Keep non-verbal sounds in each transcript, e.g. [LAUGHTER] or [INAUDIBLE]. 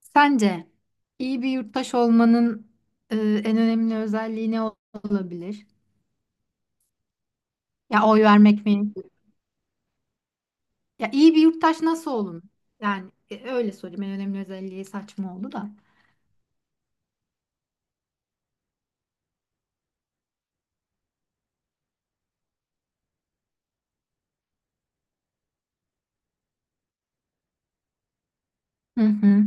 Sence iyi bir yurttaş olmanın en önemli özelliği ne olabilir? Ya oy vermek mi? Ya iyi bir yurttaş nasıl olun? Yani öyle sorayım. En önemli özelliği saçma oldu da. Hı hı.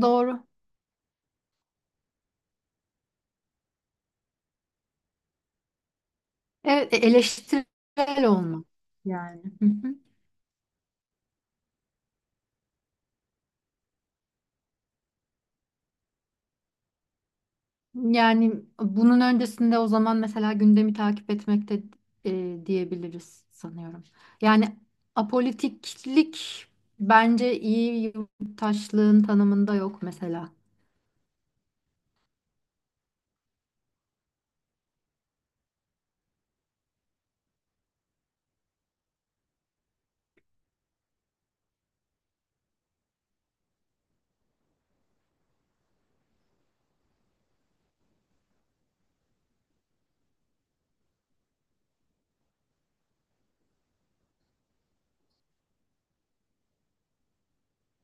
Doğru. Evet, eleştirel olmak yani. Hı hı. Yani bunun öncesinde o zaman mesela gündemi takip etmekte diyebiliriz sanıyorum. Yani apolitiklik bence iyi yurttaşlığın tanımında yok mesela.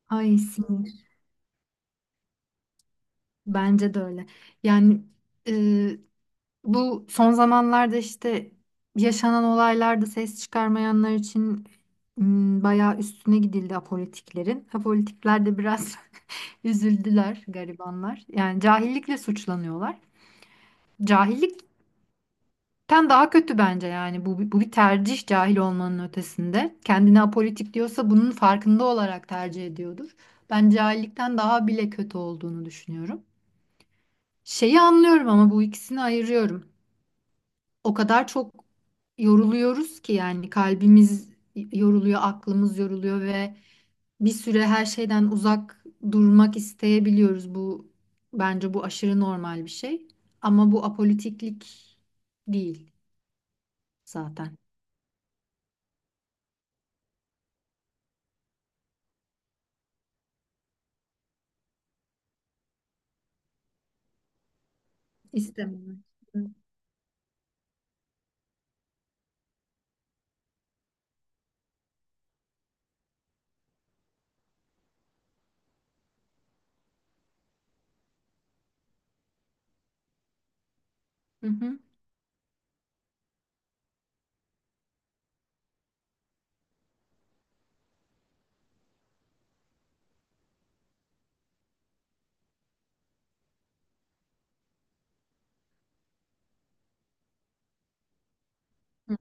Ay sinir. Bence de öyle. Yani e, bu son zamanlarda işte yaşanan olaylarda ses çıkarmayanlar için bayağı üstüne gidildi apolitiklerin. Apolitikler de biraz [LAUGHS] üzüldüler garibanlar. Yani cahillikle suçlanıyorlar. Cahillikten daha kötü bence yani bu bir tercih cahil olmanın ötesinde. Kendini apolitik diyorsa bunun farkında olarak tercih ediyordur. Ben cahillikten daha bile kötü olduğunu düşünüyorum. Şeyi anlıyorum ama bu ikisini ayırıyorum. O kadar çok yoruluyoruz ki yani kalbimiz yoruluyor, aklımız yoruluyor ve bir süre her şeyden uzak durmak isteyebiliyoruz. Bu bence bu aşırı normal bir şey. Ama bu apolitiklik değil zaten. İstemem. Hı hı. Hı.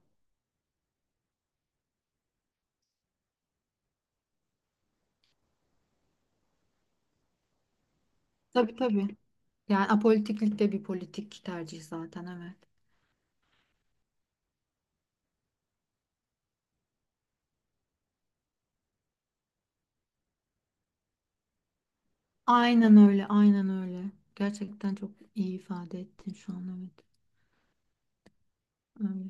Tabii tabii. Yani apolitiklik de bir politik tercih zaten, evet. Aynen öyle, aynen öyle. Gerçekten çok iyi ifade ettin şu an, evet. Öyle.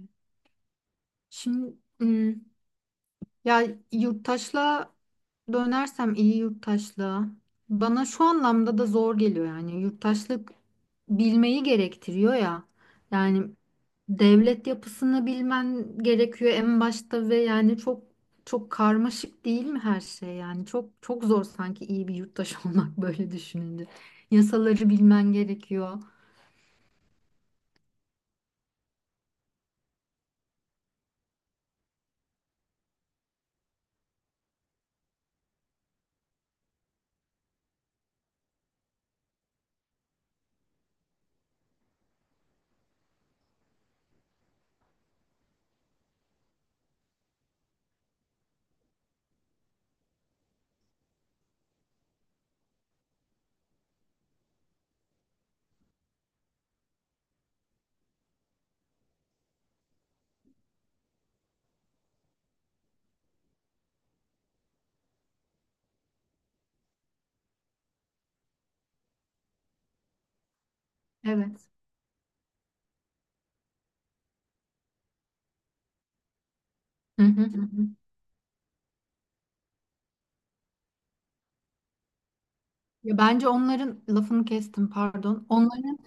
Şimdi ya yurttaşla dönersem iyi yurttaşlığa bana şu anlamda da zor geliyor, yani yurttaşlık bilmeyi gerektiriyor ya. Yani devlet yapısını bilmen gerekiyor en başta ve yani çok çok karmaşık değil mi her şey, yani çok çok zor sanki iyi bir yurttaş [LAUGHS] olmak böyle düşününce. Yasaları bilmen gerekiyor. Evet. Hı hı. Hı hı. Ya bence onların lafını kestim, pardon. Onların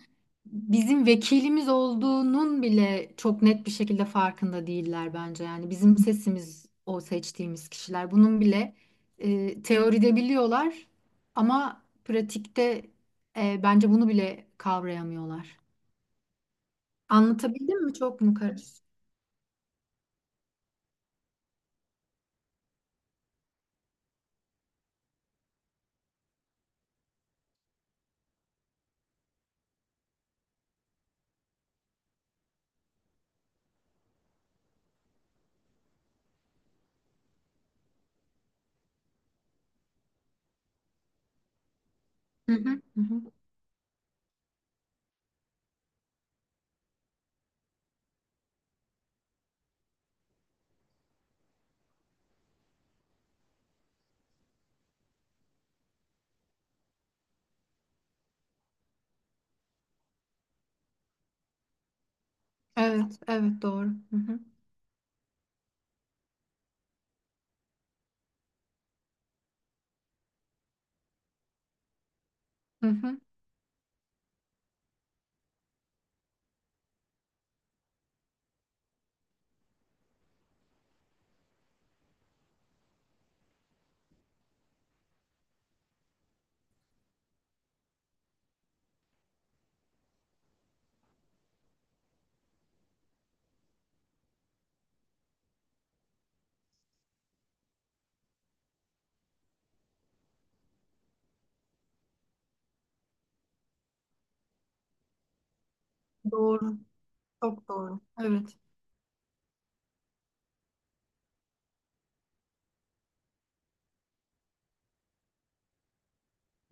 bizim vekilimiz olduğunun bile çok net bir şekilde farkında değiller bence. Yani bizim sesimiz o seçtiğimiz kişiler. Bunun bile teoride biliyorlar ama pratikte bence bunu bile kavrayamıyorlar. Anlatabildim mi? Çok mu karışık? Hı hı, hı hı. Evet, evet doğru. Hı hı, hı hı. Doğru, çok doğru. Evet.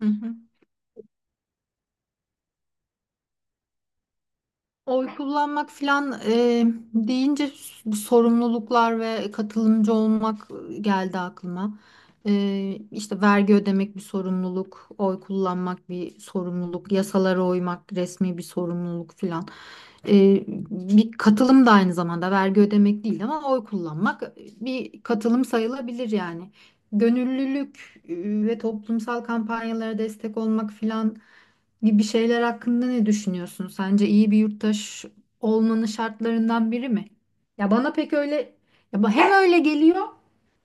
Hı hı. Oy kullanmak filan, deyince sorumluluklar ve katılımcı olmak geldi aklıma. E, işte vergi ödemek bir sorumluluk, oy kullanmak bir sorumluluk, yasalara uymak resmi bir sorumluluk filan. E, bir katılım da aynı zamanda vergi ödemek değil ama oy kullanmak bir katılım sayılabilir yani. Gönüllülük ve toplumsal kampanyalara destek olmak filan gibi şeyler hakkında ne düşünüyorsun? Sence iyi bir yurttaş olmanın şartlarından biri mi? Ya bana pek öyle, ya hem öyle geliyor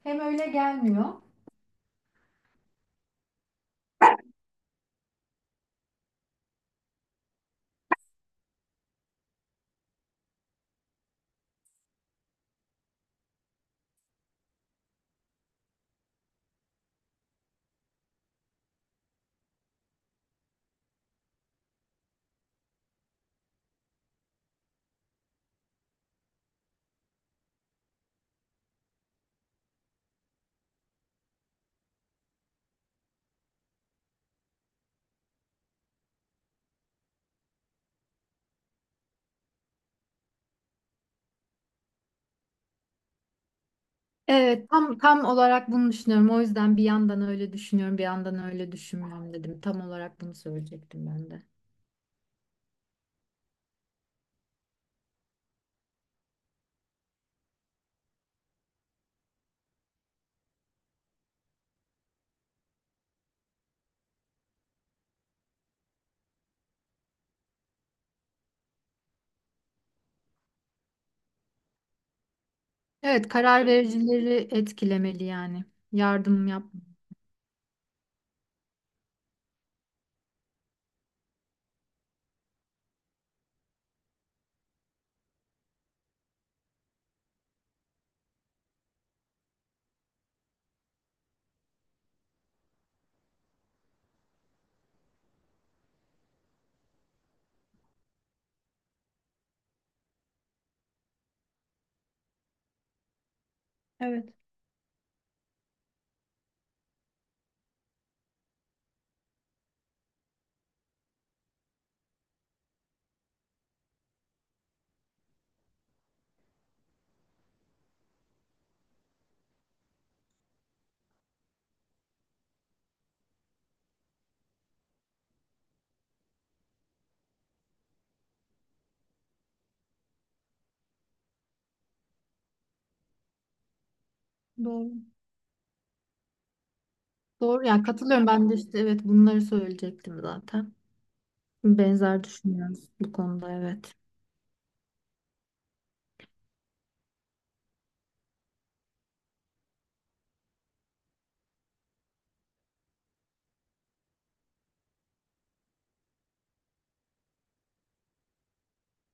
hem öyle gelmiyor. Evet, tam olarak bunu düşünüyorum. O yüzden bir yandan öyle düşünüyorum, bir yandan öyle düşünmüyorum dedim. Tam olarak bunu söyleyecektim ben de. Evet, karar vericileri etkilemeli yani. Yardım yap. Evet, doğru. Doğru yani katılıyorum ben de, işte evet bunları söyleyecektim zaten. Benzer düşünüyoruz bu konuda, evet.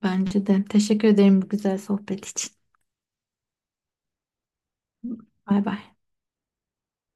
Bence de. Teşekkür ederim bu güzel sohbet için. Bay bay.